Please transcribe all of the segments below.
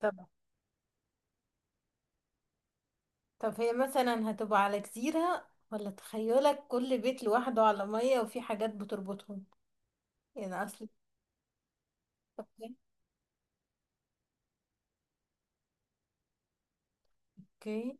طب طب هي مثلا هتبقى على جزيرة، ولا تخيلك كل بيت لوحده على مية وفي حاجات بتربطهم؟ يعني أصل. اوكي.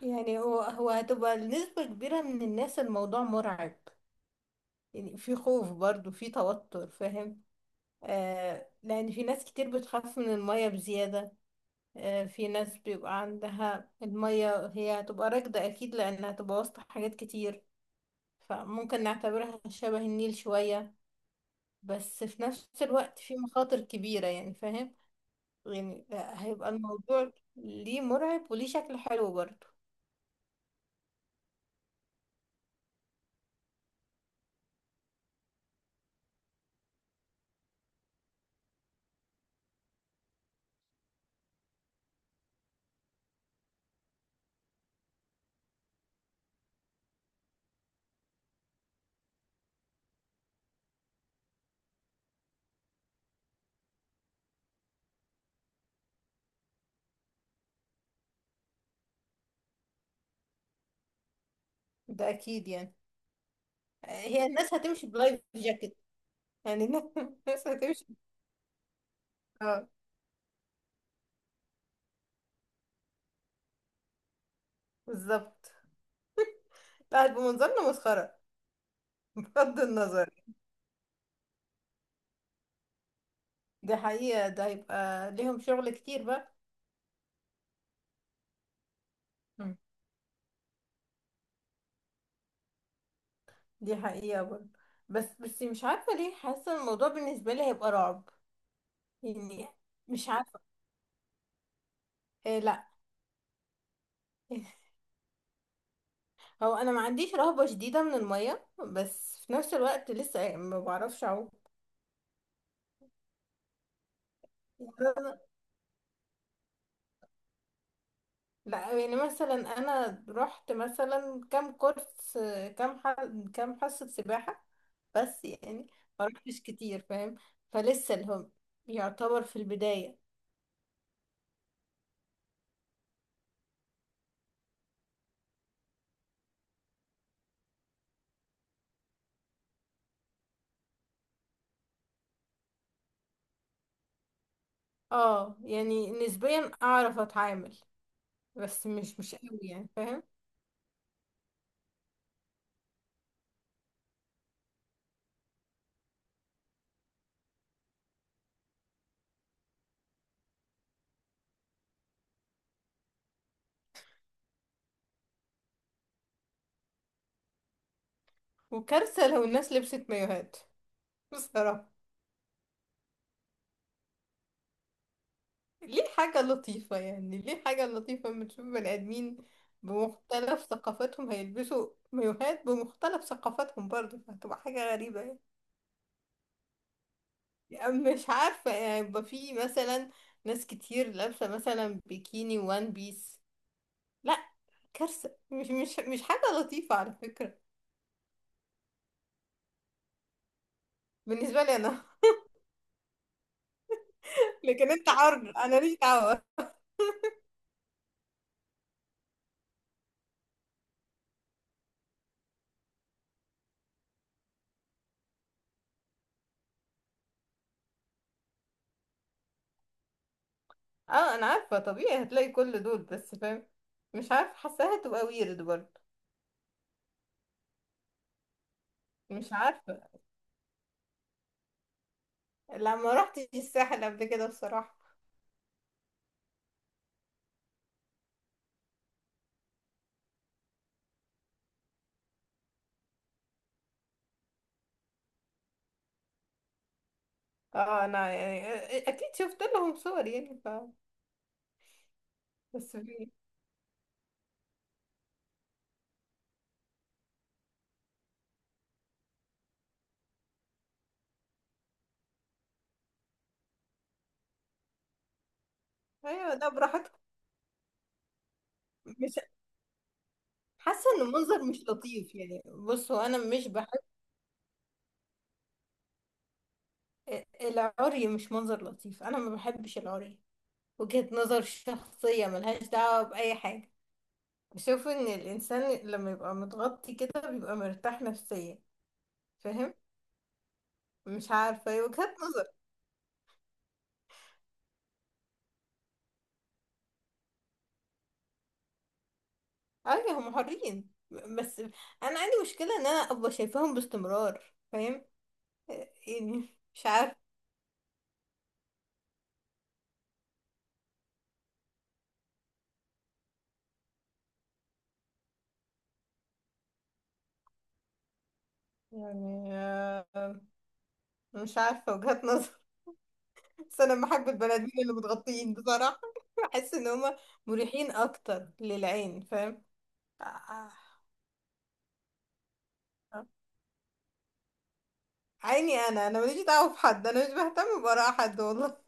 يعني هو هتبقى لنسبة كبيرة من الناس الموضوع مرعب، يعني في خوف برضو، في توتر، فاهم؟ آه، لأن في ناس كتير بتخاف من المية بزيادة. آه، في ناس بيبقى عندها المية هي هتبقى راكدة أكيد لأنها هتبقى وسط حاجات كتير، فممكن نعتبرها شبه النيل شوية. بس في نفس الوقت في مخاطر كبيرة، يعني فاهم؟ يعني هيبقى الموضوع ليه مرعب وليه شكل حلو برضه. ده أكيد يعني. هي الناس هتمشي بلايف جاكيت، يعني الناس هتمشي. اه، بالظبط. لا، هيبقى منظرنا مسخرة، بغض النظر. دي حقيقة، ده هيبقى ليهم شغل كتير بقى. مم. دي حقيقة برضه. بس مش عارفة ليه حاسة الموضوع بالنسبة لي هيبقى رعب، يعني. مش عارفة. إيه، لا. هو انا ما عنديش رهبة شديدة من المية، بس في نفس الوقت لسه يعني ما بعرفش اعوم. لا، يعني مثلا انا رحت مثلا كام كورس، كام ح... كام حصة سباحة، بس يعني ما رحتش كتير فاهم؟ فلسه الهم يعتبر في البداية. اه، يعني نسبيا اعرف اتعامل، بس مش قوي، يعني فاهم؟ وكارثة لو الناس لبست مايوهات بصراحة. ليه حاجة لطيفة؟ يعني ليه حاجة لطيفة لما تشوف بني آدمين بمختلف ثقافاتهم هيلبسوا مايوهات بمختلف ثقافاتهم برضه؟ فهتبقى حاجة غريبة يعني. يعني مش عارفة، يعني يبقى في مثلا ناس كتير لابسة مثلا بيكيني وان بيس. لا، كارثة، مش حاجة لطيفة على فكرة. بالنسبة لي أنا لكن أنت حر، أنا ليش دعوة. اه، أنا عارفة طبيعي هتلاقي كل دول، بس فاهم؟ مش عارفة، حاساها تبقى ويرد برضه. مش عارفة. لا، ما رحتش الساحل قبل كده بصراحة. اه، انا يعني اكيد شفت لهم صور يعني، بس في. ايوه، ده براحتكم. مش حاسة ان المنظر مش لطيف، يعني بصوا انا مش بحب العري، مش منظر لطيف، انا ما بحبش العري. وجهة نظر شخصية ملهاش دعوة بأي حاجة. بشوف ان الانسان لما يبقى متغطي كده بيبقى مرتاح نفسيا، فاهم؟ مش عارفة، هي وجهة نظر. ايوه، هم حرين، بس انا عندي مشكله ان انا ابقى شايفاهم باستمرار، فاهم؟ يعني مش عارفه، يعني مش عارفه، وجهات نظر. بس انا بحب البني ادمين اللي متغطيين بصراحه. بحس ان هم مريحين اكتر للعين، فاهم آه، عيني انا ماليش دعوه بحد، انا مش بهتم باراء حد والله.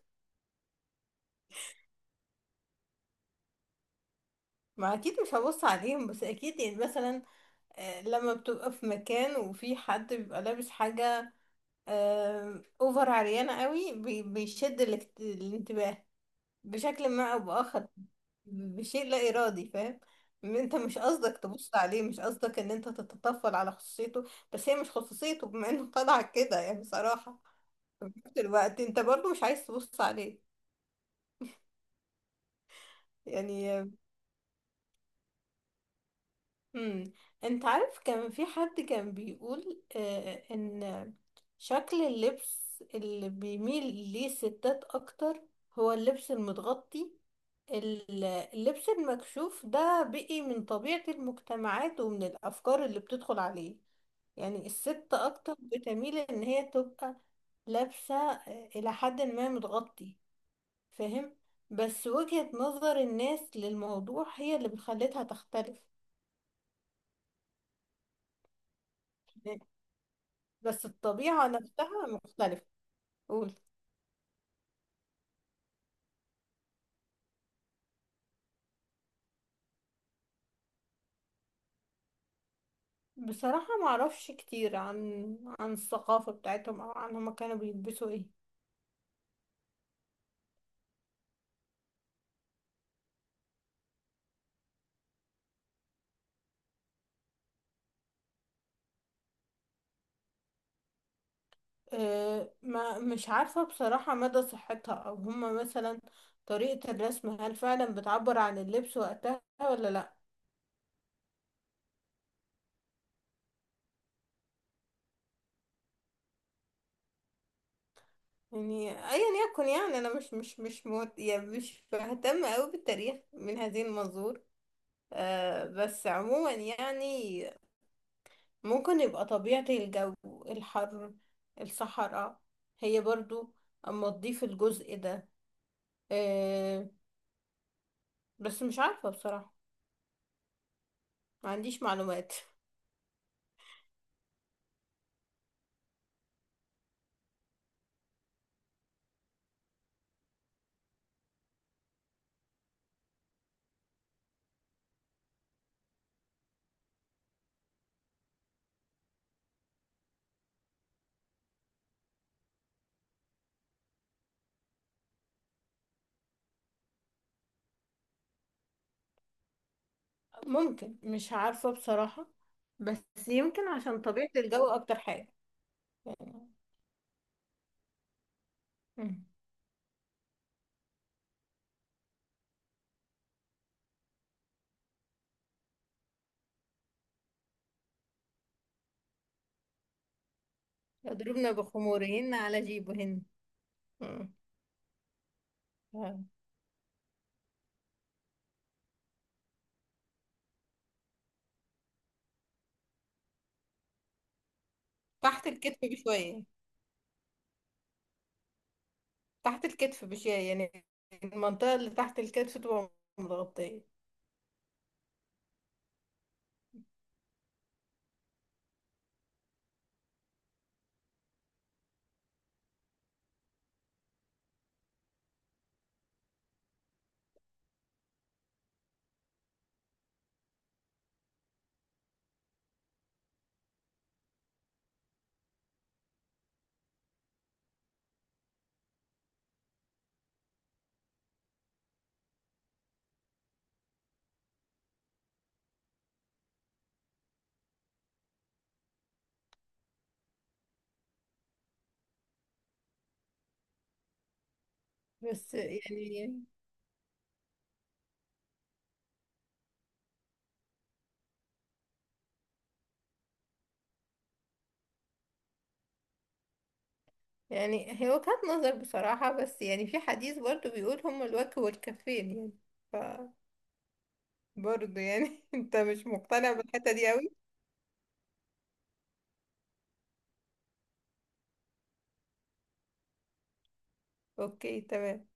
ما اكيد مش هبص عليهم، بس اكيد يعني مثلا. لما بتبقى في مكان وفي حد بيبقى لابس حاجه اوفر عريانة قوي، بيشد الانتباه بشكل ما او باخر، بشيء لا ارادي، فاهم؟ انت مش قصدك تبص عليه، مش قصدك ان انت تتطفل على خصوصيته. بس هي مش خصوصيته بما انه طلع كده، يعني بصراحة. في نفس الوقت انت برضو مش عايز تبص عليه، يعني. امم. انت عارف كان في حد كان بيقول ان شكل اللبس اللي بيميل ليه الستات اكتر هو اللبس المتغطي. اللبس المكشوف ده بقي من طبيعة المجتمعات ومن الافكار اللي بتدخل عليه. يعني الست اكتر بتميل ان هي تبقى لابسة الى حد ما متغطي، فاهم؟ بس وجهة نظر الناس للموضوع هي اللي بتخليتها تختلف. بس الطبيعة نفسها مختلفة. قول. بصراحة ما اعرفش كتير عن الثقافة بتاعتهم او عن هما كانوا بيلبسوا ايه. أه، ما مش عارفة بصراحة مدى صحتها، او هما مثلا طريقة الرسم هل فعلا بتعبر عن اللبس وقتها ولا لا. يعني ايا يكن، يعني انا مش موت، يعني مش بهتم اوي بالتاريخ من هذه المنظور. أه، بس عموما يعني ممكن يبقى طبيعة الجو، الحر، الصحراء، هي برضو اما تضيف الجزء ده. أه، بس مش عارفة بصراحة، ما عنديش معلومات. ممكن، مش عارفة بصراحة، بس يمكن عشان طبيعة الجو أكتر حاجة يعني. مم. يضربن بخمورهن على جيبهن. مم. آه. تحت الكتف بشوية. تحت الكتف بشوية يعني، المنطقة اللي تحت الكتف تبقى متغطية. بس يعني هي وجهة نظر بصراحة. بس يعني في حديث برضو بيقول هما الوجه والكفين، يعني ف برضو يعني انت مش مقتنع بالحتة دي قوي. اوكي، تمام.